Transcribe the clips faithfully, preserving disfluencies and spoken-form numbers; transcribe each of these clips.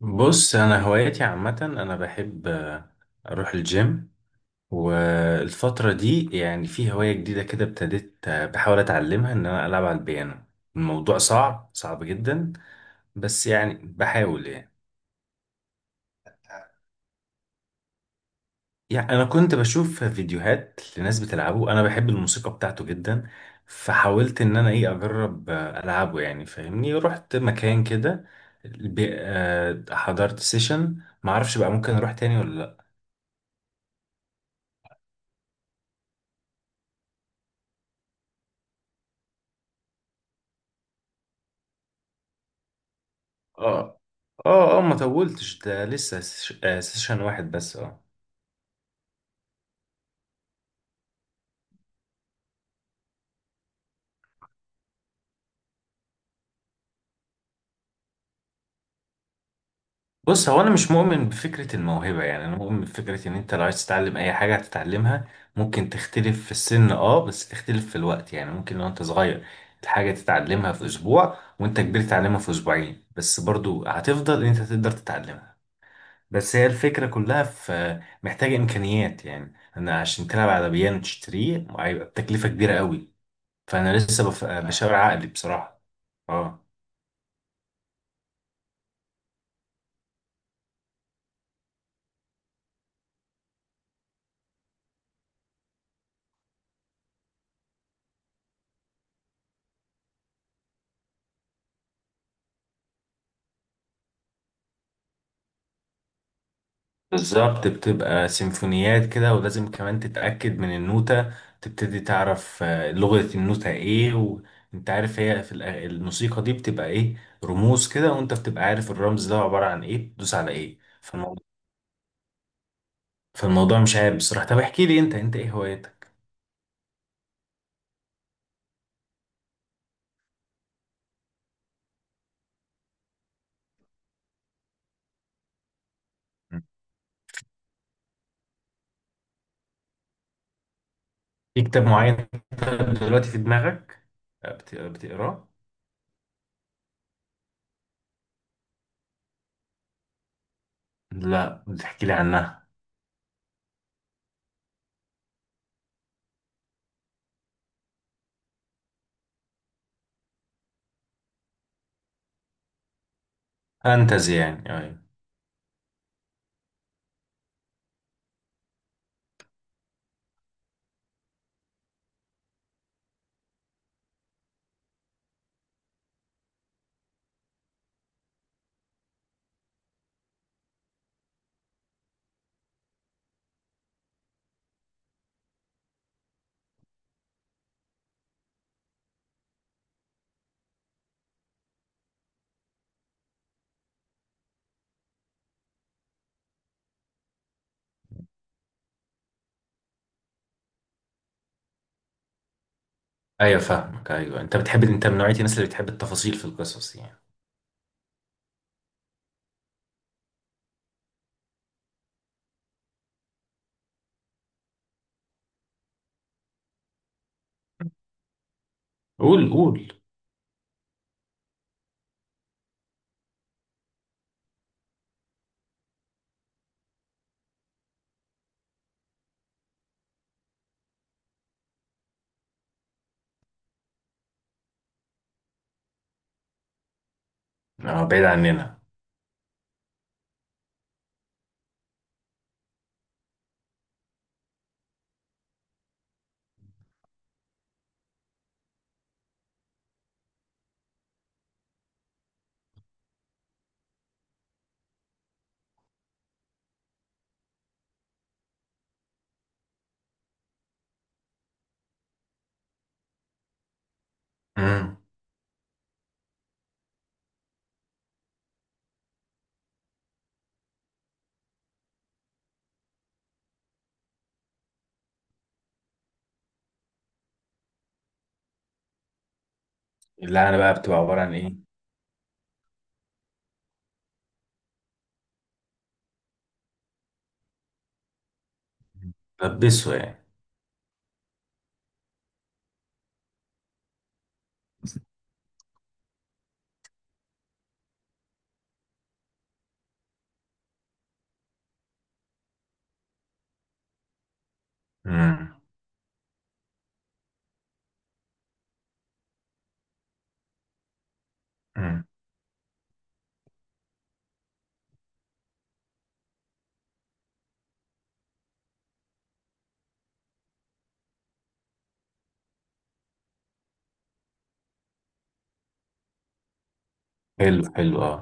بص، انا هواياتي عامه، انا بحب آه، اروح الجيم. والفتره دي يعني في هوايه جديده كده، ابتديت آه، بحاول اتعلمها ان انا العب على البيانو. الموضوع صعب صعب جدا، بس يعني بحاول يعني. يعني انا كنت بشوف فيديوهات لناس بتلعبه، انا بحب الموسيقى بتاعته جدا، فحاولت ان انا ايه اجرب آه، العبه، يعني فاهمني، رحت مكان كده، بي- آه، حضرت سيشن. معرفش بقى ممكن اروح تاني ولا. اه، اه، اه، ما طولتش، ده لسه ش- آه، سيشن واحد بس، اه. بص، هو انا مش مؤمن بفكرة الموهبة، يعني انا مؤمن بفكرة ان انت لو عايز تتعلم اي حاجة هتتعلمها. ممكن تختلف في السن، اه، بس تختلف في الوقت. يعني ممكن لو انت صغير الحاجة تتعلمها في اسبوع، وانت كبير تتعلمها في اسبوعين، بس برضو هتفضل ان انت تقدر تتعلمها. بس هي الفكرة كلها في، محتاجة امكانيات، يعني انا عشان تلعب على بيانو تشتريه هيبقى بتكلفة كبيرة قوي. فانا لسه بف- بشاور عقلي بصراحة. اه. بالظبط، بتبقى سيمفونيات كده، ولازم كمان تتأكد من النوتة، تبتدي تعرف آه، لغة النوتة ايه. وانت عارف هي في الأ- الموسيقى دي بتبقى ايه، رموز كده، وانت بتبقى عارف الرمز ده عبارة عن ايه، تدوس على ايه. فالموضوع، فالموضوع مش عيب بصراحة. طب احكي لي، انت انت ايه هوايتك؟ في كتاب معين طيب دلوقتي في دماغك آه، بت- بتقراه؟ لا، بتحكي لي عنها. فانتزي يعني، ايوه. ايوه، فاهمك، ايوه. انت بتحب، انت من نوعية الناس اللي بتحب التفاصيل في القصص يعني. قول، قول. اه، بعيد عننا. امم. اللعنة بقى بتبقى عبارة عن ايه؟ لبسه يعني. امم. امم. حلو، حلو، اه.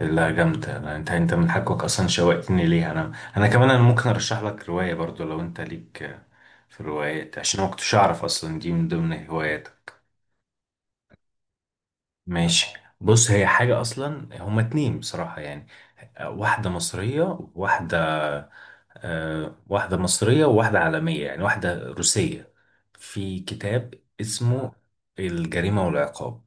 لا، جامدة، لا، انت انت من حقك اصلا، شوقتني ليها انا. انا كمان انا ممكن ارشح لك رواية برضو لو انت ليك آه، في الروايات، عشان انا ما كنتش اعرف اصلا دي من ضمن هواياتك. ماشي. بص، هي حاجة اصلا هما اتنين بصراحة يعني. آه، واحدة مصرية وواحدة آه، واحدة مصرية وواحدة عالمية يعني، واحدة روسية. في كتاب اسمه الجريمة والعقاب.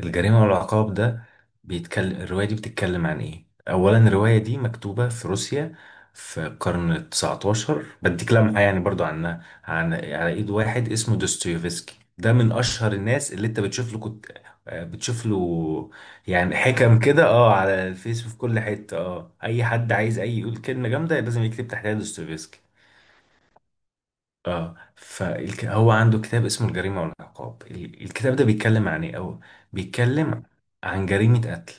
الجريمة والعقاب ده بيتكلم الرواية دي بتتكلم عن ايه؟ أولا الرواية دي مكتوبة في روسيا في القرن التسعتاشر، بديك لمحة يعني برضو عنها، عن على إيد واحد اسمه دوستويفسكي. ده من أشهر الناس اللي أنت بتشوف له، كنت آه، بتشوف له يعني حكم كده، اه، على الفيس وفي كل حتة. اه، أي حد عايز أي يقول كلمة جامدة لازم يكتب تحتها دوستويفسكي. اه، فهو عنده كتاب اسمه الجريمة والعقاب، ال- الكتاب ده بيتكلم عن ايه او، بيتكلم عن جريمة قتل.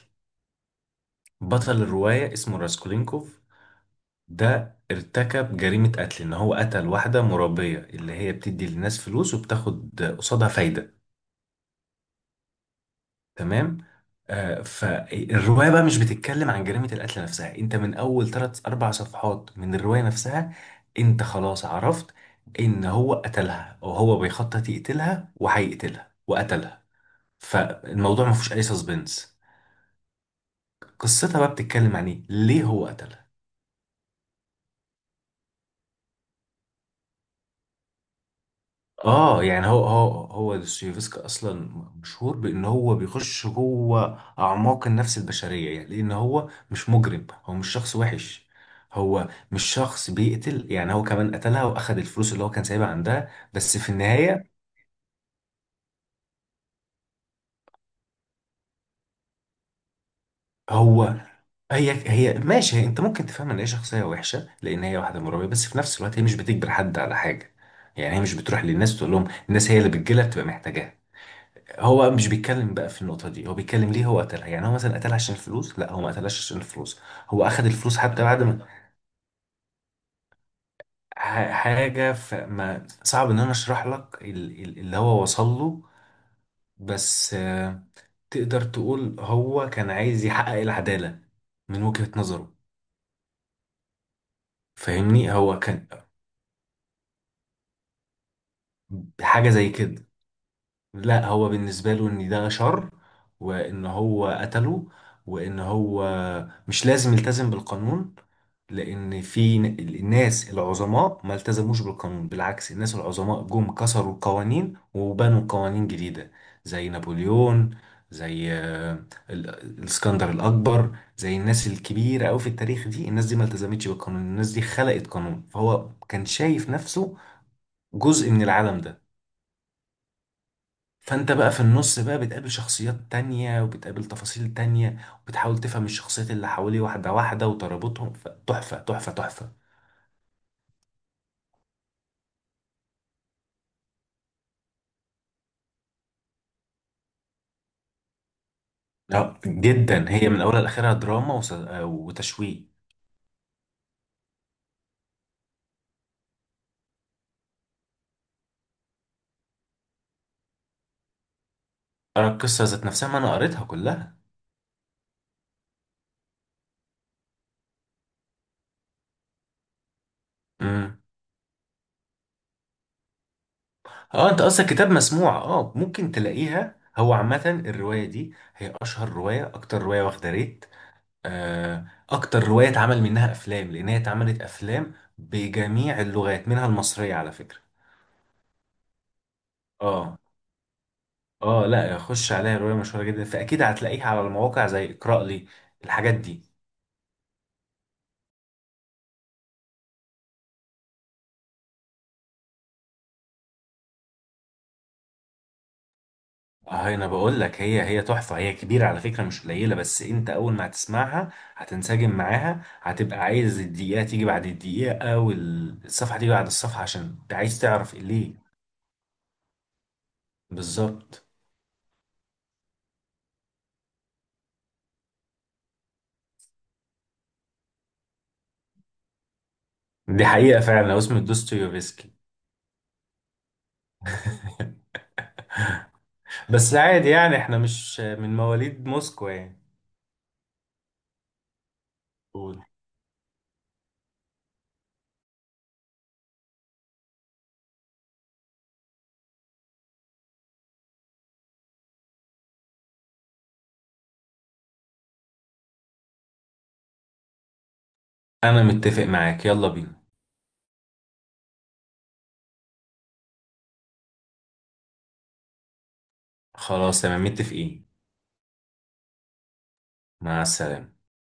بطل الرواية اسمه راسكولينكوف، ده ارتكب جريمة قتل ان هو قتل واحدة مربية اللي هي بتدي للناس فلوس وبتاخد قصادها فايدة. تمام. آه فالروايه بقى مش بتتكلم عن جريمه القتل نفسها، انت من اول ثلاث اربع صفحات من الروايه نفسها انت خلاص عرفت ان هو قتلها، او هو بيخطط يقتلها وهيقتلها وقتلها، فالموضوع ما فيهوش اي سسبنس. قصتها بقى بتتكلم عن ايه، ليه هو قتلها. اه، يعني هو هو هو دوستويفسكي اصلا مشهور بان هو بيخش جوه اعماق النفس البشريه، يعني لان هو مش مجرم، هو مش شخص وحش، هو مش شخص بيقتل، يعني هو كمان قتلها واخد الفلوس اللي هو كان سايبها عندها، بس في النهايه. هو هي هي ماشي، هي انت ممكن تفهم ان هي شخصيه وحشه لان هي واحده مرابيه، بس في نفس الوقت هي مش بتجبر حد على حاجه، يعني هي مش بتروح للناس تقول لهم، الناس هي اللي بتجيلها بتبقى محتاجاها. هو مش بيتكلم بقى في النقطة دي، هو بيتكلم ليه هو قتلها. يعني هو مثلا قتلها عشان الفلوس؟ لا، هو ما قتلهاش عشان الفلوس. هو أخد الفلوس حتى بعد ما ح- حاجة، فما صعب إن أنا أشرح لك ال- ال- اللي هو وصل له، بس آه، تقدر تقول هو كان عايز يحقق العدالة من وجهة نظره. فاهمني، هو كان حاجة زي كده. لا، هو بالنسبة له ان ده شر، وان هو قتله، وان هو مش لازم يلتزم بالقانون، لان في ن- الناس العظماء ما التزموش بالقانون، بالعكس، الناس العظماء جم كسروا القوانين وبنوا قوانين جديدة، زي نابليون، زي آه، ال- الاسكندر الاكبر، زي الناس الكبيرة قوي في التاريخ، دي الناس دي ما التزمتش بالقانون، الناس دي خلقت قانون، فهو كان شايف نفسه جزء من العالم ده. فانت بقى في النص بقى بتقابل شخصيات تانية وبتقابل تفاصيل تانية، وبتحاول تفهم الشخصيات اللي حواليه واحدة واحدة وترابطهم، فتحفة تحفة تحفة. لا، جدا، هي من اولها لاخرها دراما وس- وتشويق. ارى القصة ذات نفسها، ما انا قريتها كلها. امم. اه، انت قصدك كتاب مسموع، اه، ممكن تلاقيها. هو عامة الرواية دي هي اشهر رواية، اكتر رواية واخدة ريت، آه، اكتر رواية اتعمل منها افلام، لان هي اتعملت افلام بجميع اللغات منها المصرية على فكرة. اه. اه، لا، خش عليها، روايه مشهوره جدا، فاكيد هتلاقيها على المواقع زي اقرا لي الحاجات دي. اه، انا بقول لك هي هي تحفه، هي كبيره على فكره، مش قليله، بس انت اول ما هتسمعها هتنسجم معاها، هتبقى عايز الدقيقه تيجي بعد الدقيقه والصفحه تيجي بعد الصفحه عشان انت عايز تعرف ليه. بالظبط. دي حقيقه فعلا، هو اسمه دوستويفسكي. بس عادي يعني، احنا مش من مواليد موسكو يعني. قول. انا متفق معاك، يلا بينا. خلاص، تمام، متفقين. مع السلامه.